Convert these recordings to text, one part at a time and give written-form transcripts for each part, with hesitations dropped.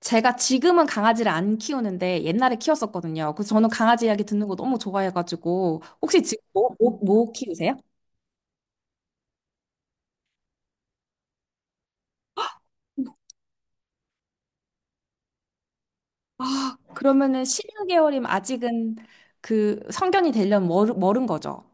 제가 지금은 강아지를 안 키우는데 옛날에 키웠었거든요. 그래서 저는 강아지 이야기 듣는 거 너무 좋아해가지고 혹시 지금 뭐 키우세요? 아, 그러면은 1 6개월이면 아직은 그 성견이 되려면 멀은 거죠.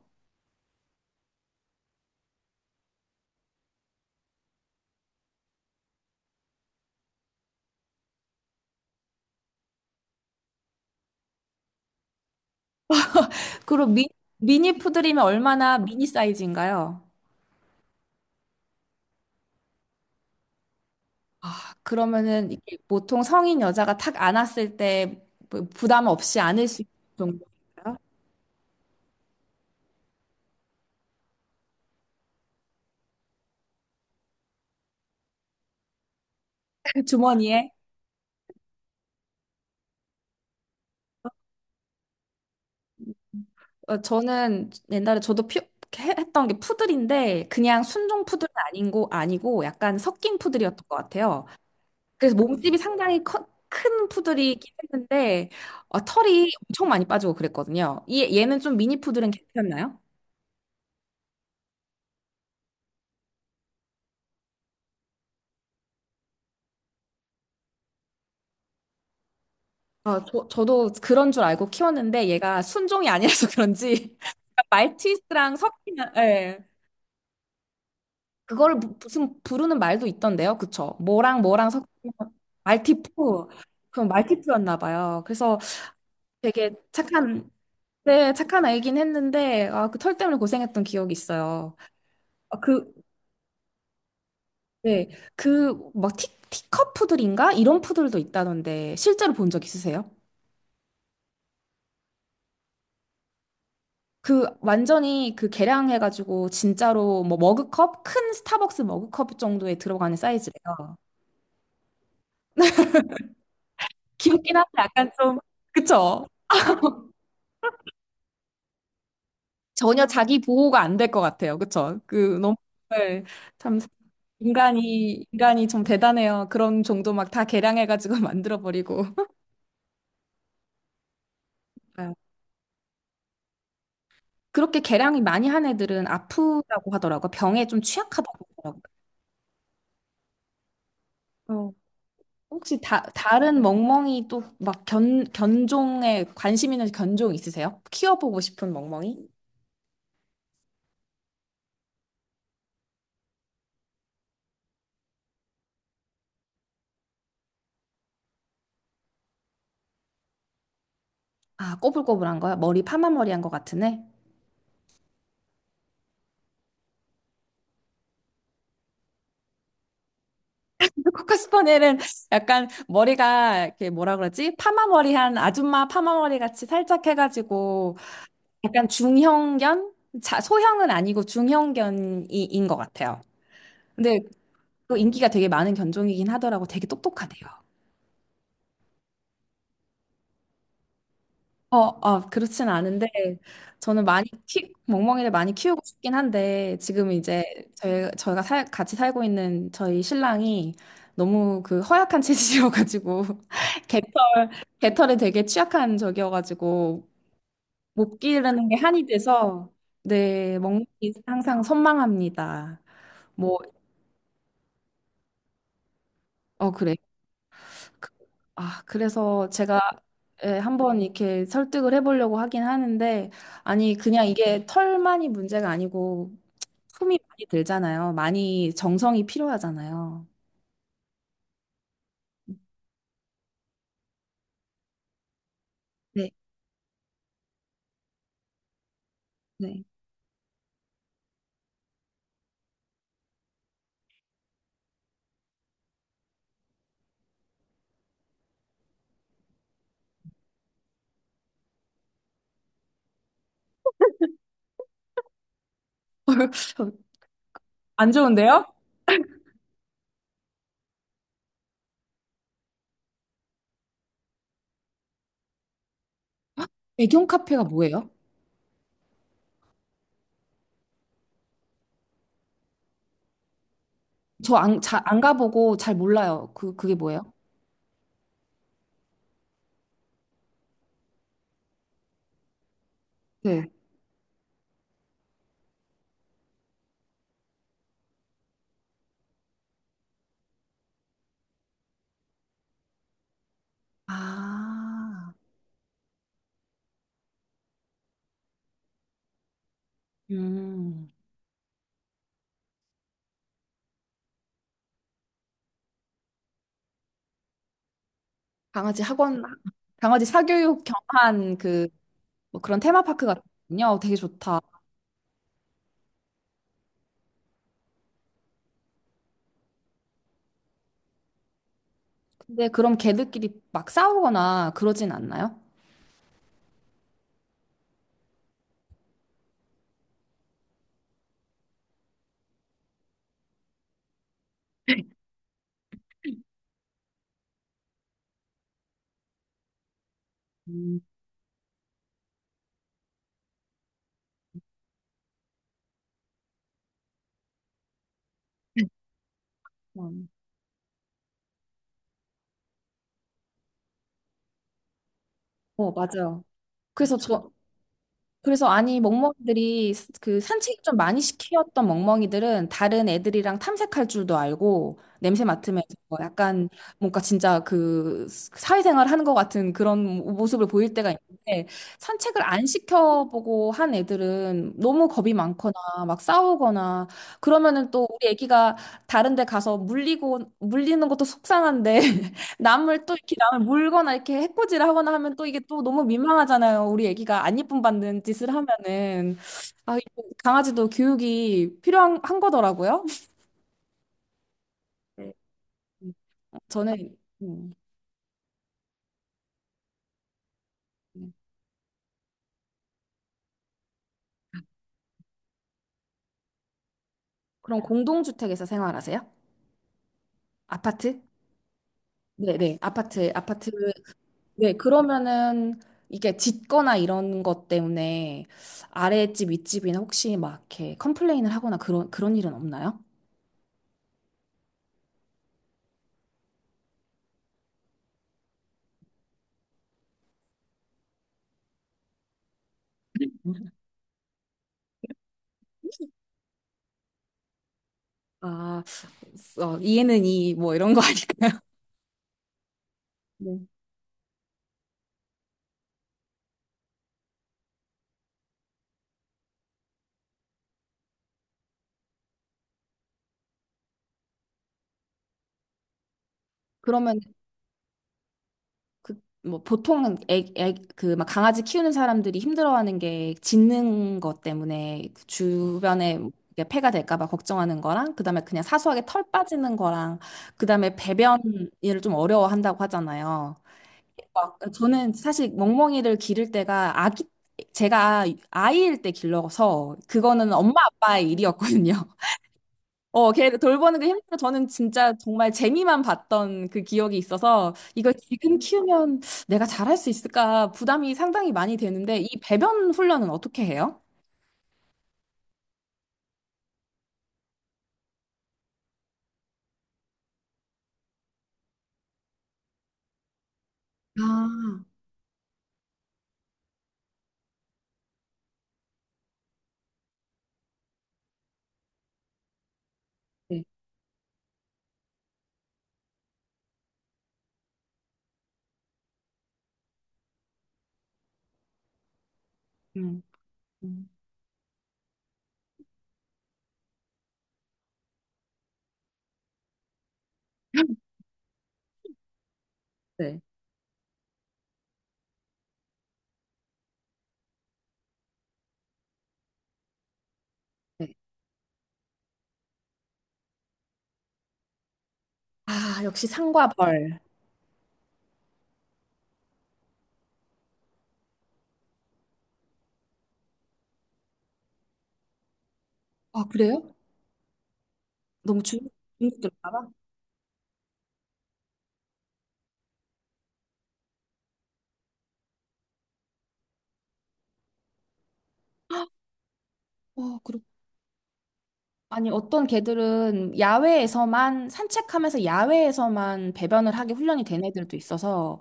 그리고 미니 푸들이면 얼마나 미니 사이즈인가요? 아, 그러면은 이게 보통 성인 여자가 탁 안았을 때 부담 없이 안을 수 있는 정도인가요? 주머니에? 어, 저는 옛날에 저도 했던 게 푸들인데 그냥 순종 푸들은 아니고 약간 섞인 푸들이었던 것 같아요. 그래서 몸집이 상당히 큰 푸들이긴 했는데 어, 털이 엄청 많이 빠지고 그랬거든요. 얘는 좀 미니 푸들은 괜찮나요? 저도 그런 줄 알고 키웠는데 얘가 순종이 아니라서 그런지 말티즈랑 섞이면 예. 그거를 무슨 부르는 말도 있던데요. 그쵸? 뭐랑 뭐랑 섞이면 말티푸. 그럼 말티푸였나 봐요. 그래서 되게 착한, 네, 착한 아이긴 했는데, 아, 그 털 때문에 고생했던 기억이 있어요. 아, 그, 네, 그, 막 티컵 푸들인가? 이런 푸들도 있다던데, 실제로 본 적 있으세요? 그, 완전히 그 개량해가지고, 진짜로 뭐 머그컵? 큰 스타벅스 머그컵 정도에 들어가는 사이즈래요. 귀엽긴 한데 약간 좀, 그쵸? 전혀 자기 보호가 안 될 것 같아요. 그쵸? 그, 너무, 네, 참, 인간이 좀 대단해요. 그런 정도 막 다 개량해가지고 만들어버리고. 맞아요. 그렇게 개량이 많이 한 애들은 아프다고 하더라고요. 병에 좀 취약하다고 하더라고요. 어. 혹시 다른 멍멍이 또 막 견종에 관심 있는 견종 있으세요? 키워보고 싶은 멍멍이? 아, 꼬불꼬불한 거요? 머리 파마머리한 것 같은 애? 코카스퍼네는 약간 머리가 이렇게 뭐라 그러지? 파마머리한 아줌마 파마머리 같이 살짝 해가지고 약간 중형견? 자, 소형은 아니고 중형견인 것 같아요. 근데 또 인기가 되게 많은 견종이긴 하더라고. 되게 똑똑하대요. 그렇진 않은데 저는 많이 키 멍멍이를 많이 키우고 싶긴 한데 지금 이제 저희가 살, 같이 살고 있는 저희 신랑이 너무 그 허약한 체질이어가지고 개털 개털에 되게 취약한 적이어가지고 못 기르는 게 한이 돼서 네 멍멍이 항상 선망합니다. 뭐 어 그래 아, 그래서 제가 예, 한번 이렇게 설득을 해보려고 하긴 하는데, 아니, 그냥 이게 털만이 문제가 아니고, 품이 많이 들잖아요. 많이 정성이 필요하잖아요. 안 좋은데요? 애견 카페가 뭐예요? 저 안 가보고 잘 몰라요. 그, 그게 뭐예요? 네. 아, 음. 강아지 학원, 강아지 사교육 겸한 그, 뭐 그런 테마파크 같군요. 되게 좋다. 근데 그럼 걔들끼리 막 싸우거나 그러진 않나요? 음, 음. 어, 맞아요. 그래서 저, 그래서 아니 멍멍이들이 그 산책 좀 많이 시키었던 멍멍이들은 다른 애들이랑 탐색할 줄도 알고 냄새 맡으면서 뭐 약간 뭔가 진짜 그 사회생활 하는 것 같은 그런 모습을 보일 때가 있는데 산책을 안 시켜보고 한 애들은 너무 겁이 많거나 막 싸우거나 그러면은 또 우리 애기가 다른 데 가서 물리고 물리는 것도 속상한데 남을 또 이렇게 남을 물거나 이렇게 해코지를 하거나 하면 또 이게 또 너무 민망하잖아요. 우리 애기가 안 예쁨 받는 짓을 하면은 아, 이거 강아지도 교육이 필요한 한 거더라고요. 네. 음, 저는 음, 음. 그럼 공동주택에서 생활하세요? 아파트? 네, 네. 아파트, 아파트. 네, 그러면은 이게 짓거나 이런 것 때문에 아랫집, 윗집이나 혹시 막 이렇게 컴플레인을 하거나 그런 일은 없나요? 아, 어, 이해는 이 뭐 이런 거 아닐까요? 네. 그러면 그 뭐 보통은 애애그막 강아지 키우는 사람들이 힘들어하는 게 짖는 것 때문에 그 주변에 이게 폐가 될까 봐 걱정하는 거랑 그다음에 그냥 사소하게 털 빠지는 거랑 그다음에 배변을 좀 어려워한다고 하잖아요. 막 저는 사실 멍멍이를 기를 때가 아기 제가 아이일 때 길러서 그거는 엄마 아빠의 일이었거든요. 어, 걔를 돌보는 게 힘들어. 저는 진짜 정말 재미만 봤던 그 기억이 있어서 이걸 지금 키우면 내가 잘할 수 있을까 부담이 상당히 많이 되는데 이 배변 훈련은 어떻게 해요? 아, 음, 음. 네. 네. 아, 역시 상과 벌. 아, 그래요? 너무 중, 중독될까 봐. 어, 그렇 아니, 어떤 개들은 야외에서만 산책하면서 야외에서만 배변을 하게 훈련이 된 애들도 있어서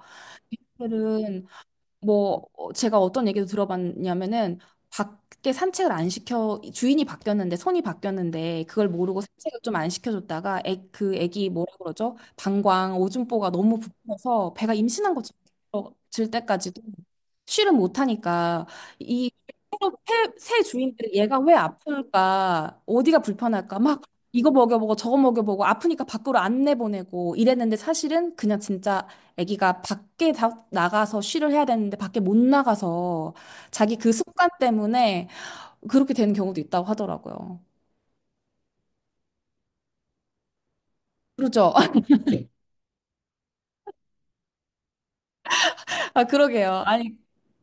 개들은 뭐 어, 제가 어떤 얘기도 들어봤냐면은 밖에 산책을 안 시켜 주인이 바뀌었는데 손이 바뀌었는데 그걸 모르고 산책을 좀 안 시켜줬다가 애, 그 애기 뭐라 그러죠? 방광 오줌보가 너무 부풀어서 배가 임신한 것처럼 질 때까지도 쉬를 못 하니까 이 새 주인들이 얘가 왜 아플까 어디가 불편할까 막 이거 먹여보고 저거 먹여보고 아프니까 밖으로 안 내보내고 이랬는데 사실은 그냥 진짜 아기가 밖에 나가서 쉬를 해야 되는데 밖에 못 나가서 자기 그 습관 때문에 그렇게 되는 경우도 있다고 하더라고요. 그러죠? 아, 그러게요. 아니,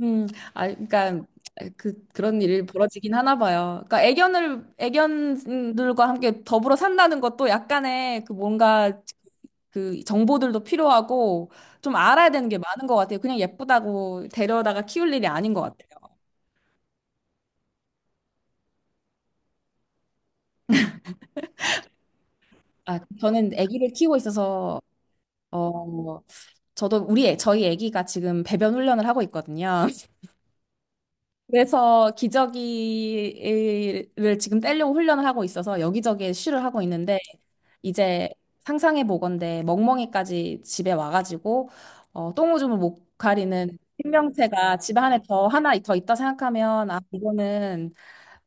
음, 아, 그러니까 그 그런 일이 벌어지긴 하나 봐요. 그러니까 애견을 애견들과 함께 더불어 산다는 것도 약간의 그 뭔가 그 정보들도 필요하고 좀 알아야 되는 게 많은 것 같아요. 그냥 예쁘다고 데려다가 키울 일이 아닌 것 같아요. 아, 저는 아기를 키우고 있어서 어, 저도 우리 저희 아기가 지금 배변 훈련을 하고 있거든요. 그래서 기저귀를 지금 떼려고 훈련을 하고 있어서 여기저기에 쉬를 하고 있는데 이제 상상해 보건대 멍멍이까지 집에 와가지고 어, 똥오줌을 못 가리는 생명체가 집에 안에 더 하나 더 있다 생각하면 아 이거는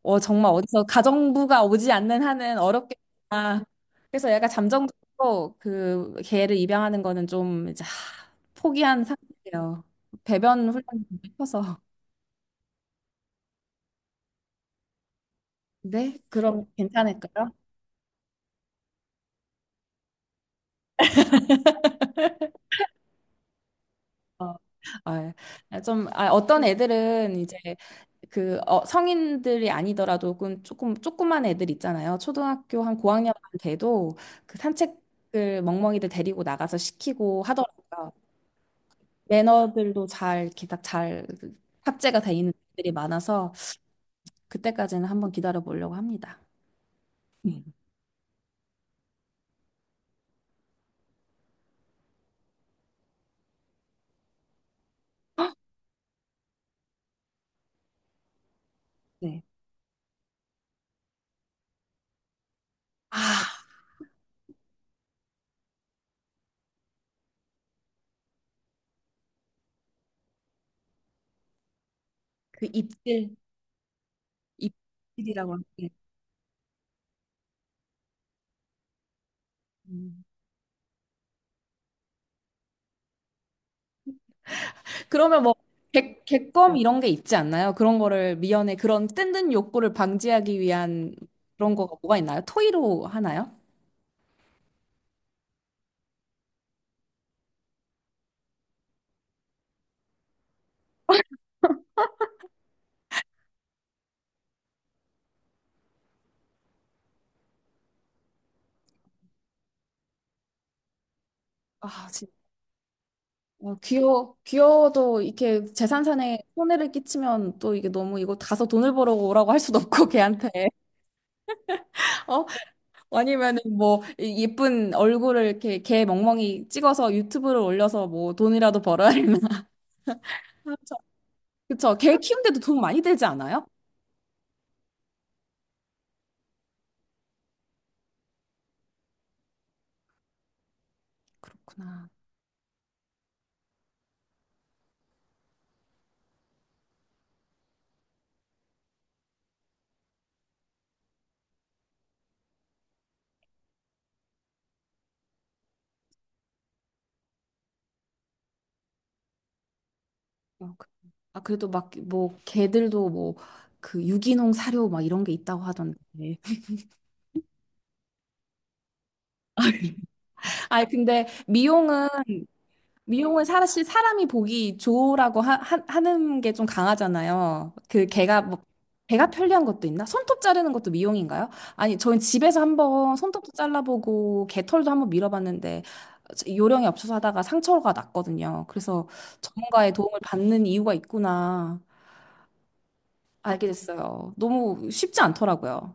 어, 정말 어디서 가정부가 오지 않는 한은 어렵겠다. 그래서 약간 잠정적으로 그 개를 입양하는 거는 좀 이제 하, 포기한 상태예요. 배변 훈련이좀 해서. 네? 그럼 괜찮을까요? 어, 아, 예. 아, 좀, 아, 어떤 애들은 이제 그 어, 성인들이 아니더라도 조그만 애들 있잖아요. 초등학교 한 고학년 돼도 그 산책을 멍멍이들 데리고 나가서 시키고 하더라고요. 매너들도 잘 이렇게 딱잘 탑재가 돼 있는 것들이 많아서 그때까지는 한번 기다려 보려고 합니다. 네. 아, 그 입질, 입질이라고 하는 게. 음. 그러면 뭐 객검 이런 게 있지 않나요? 그런 거를 미연에 그런 뜬든 욕구를 방지하기 위한 그런 거가 뭐가 있나요? 토의로 하나요? 아, 진짜. 어, 귀여워도 이렇게 재산산에 손해를 끼치면 또 이게 너무 이거 가서 돈을 벌어 오라고 할 수도 없고 걔한테. 어? 아니면은 뭐 예쁜 얼굴을 이렇게 개 멍멍이 찍어서 유튜브를 올려서 뭐 돈이라도 벌어야 되나? 그쵸. 그쵸. 개 키우는데도 돈 많이 들지 않아요? 그렇구나. 어, 그- 아, 그래도 막 뭐 개들도 뭐 그 유기농 사료 막 이런 게 있다고 하던데. 아니 근데 미용은 사실 사람이 보기 좋으라고 는 게 좀 강하잖아요. 그 걔가 뭐 걔가 편리한 것도 있나? 손톱 자르는 것도 미용인가요? 아니, 저희 집에서 한번 손톱도 잘라보고 개털도 한번 밀어봤는데 요령이 없어서 하다가 상처가 났거든요. 그래서 전문가의 도움을 받는 이유가 있구나 알게 됐어요. 너무 쉽지 않더라고요.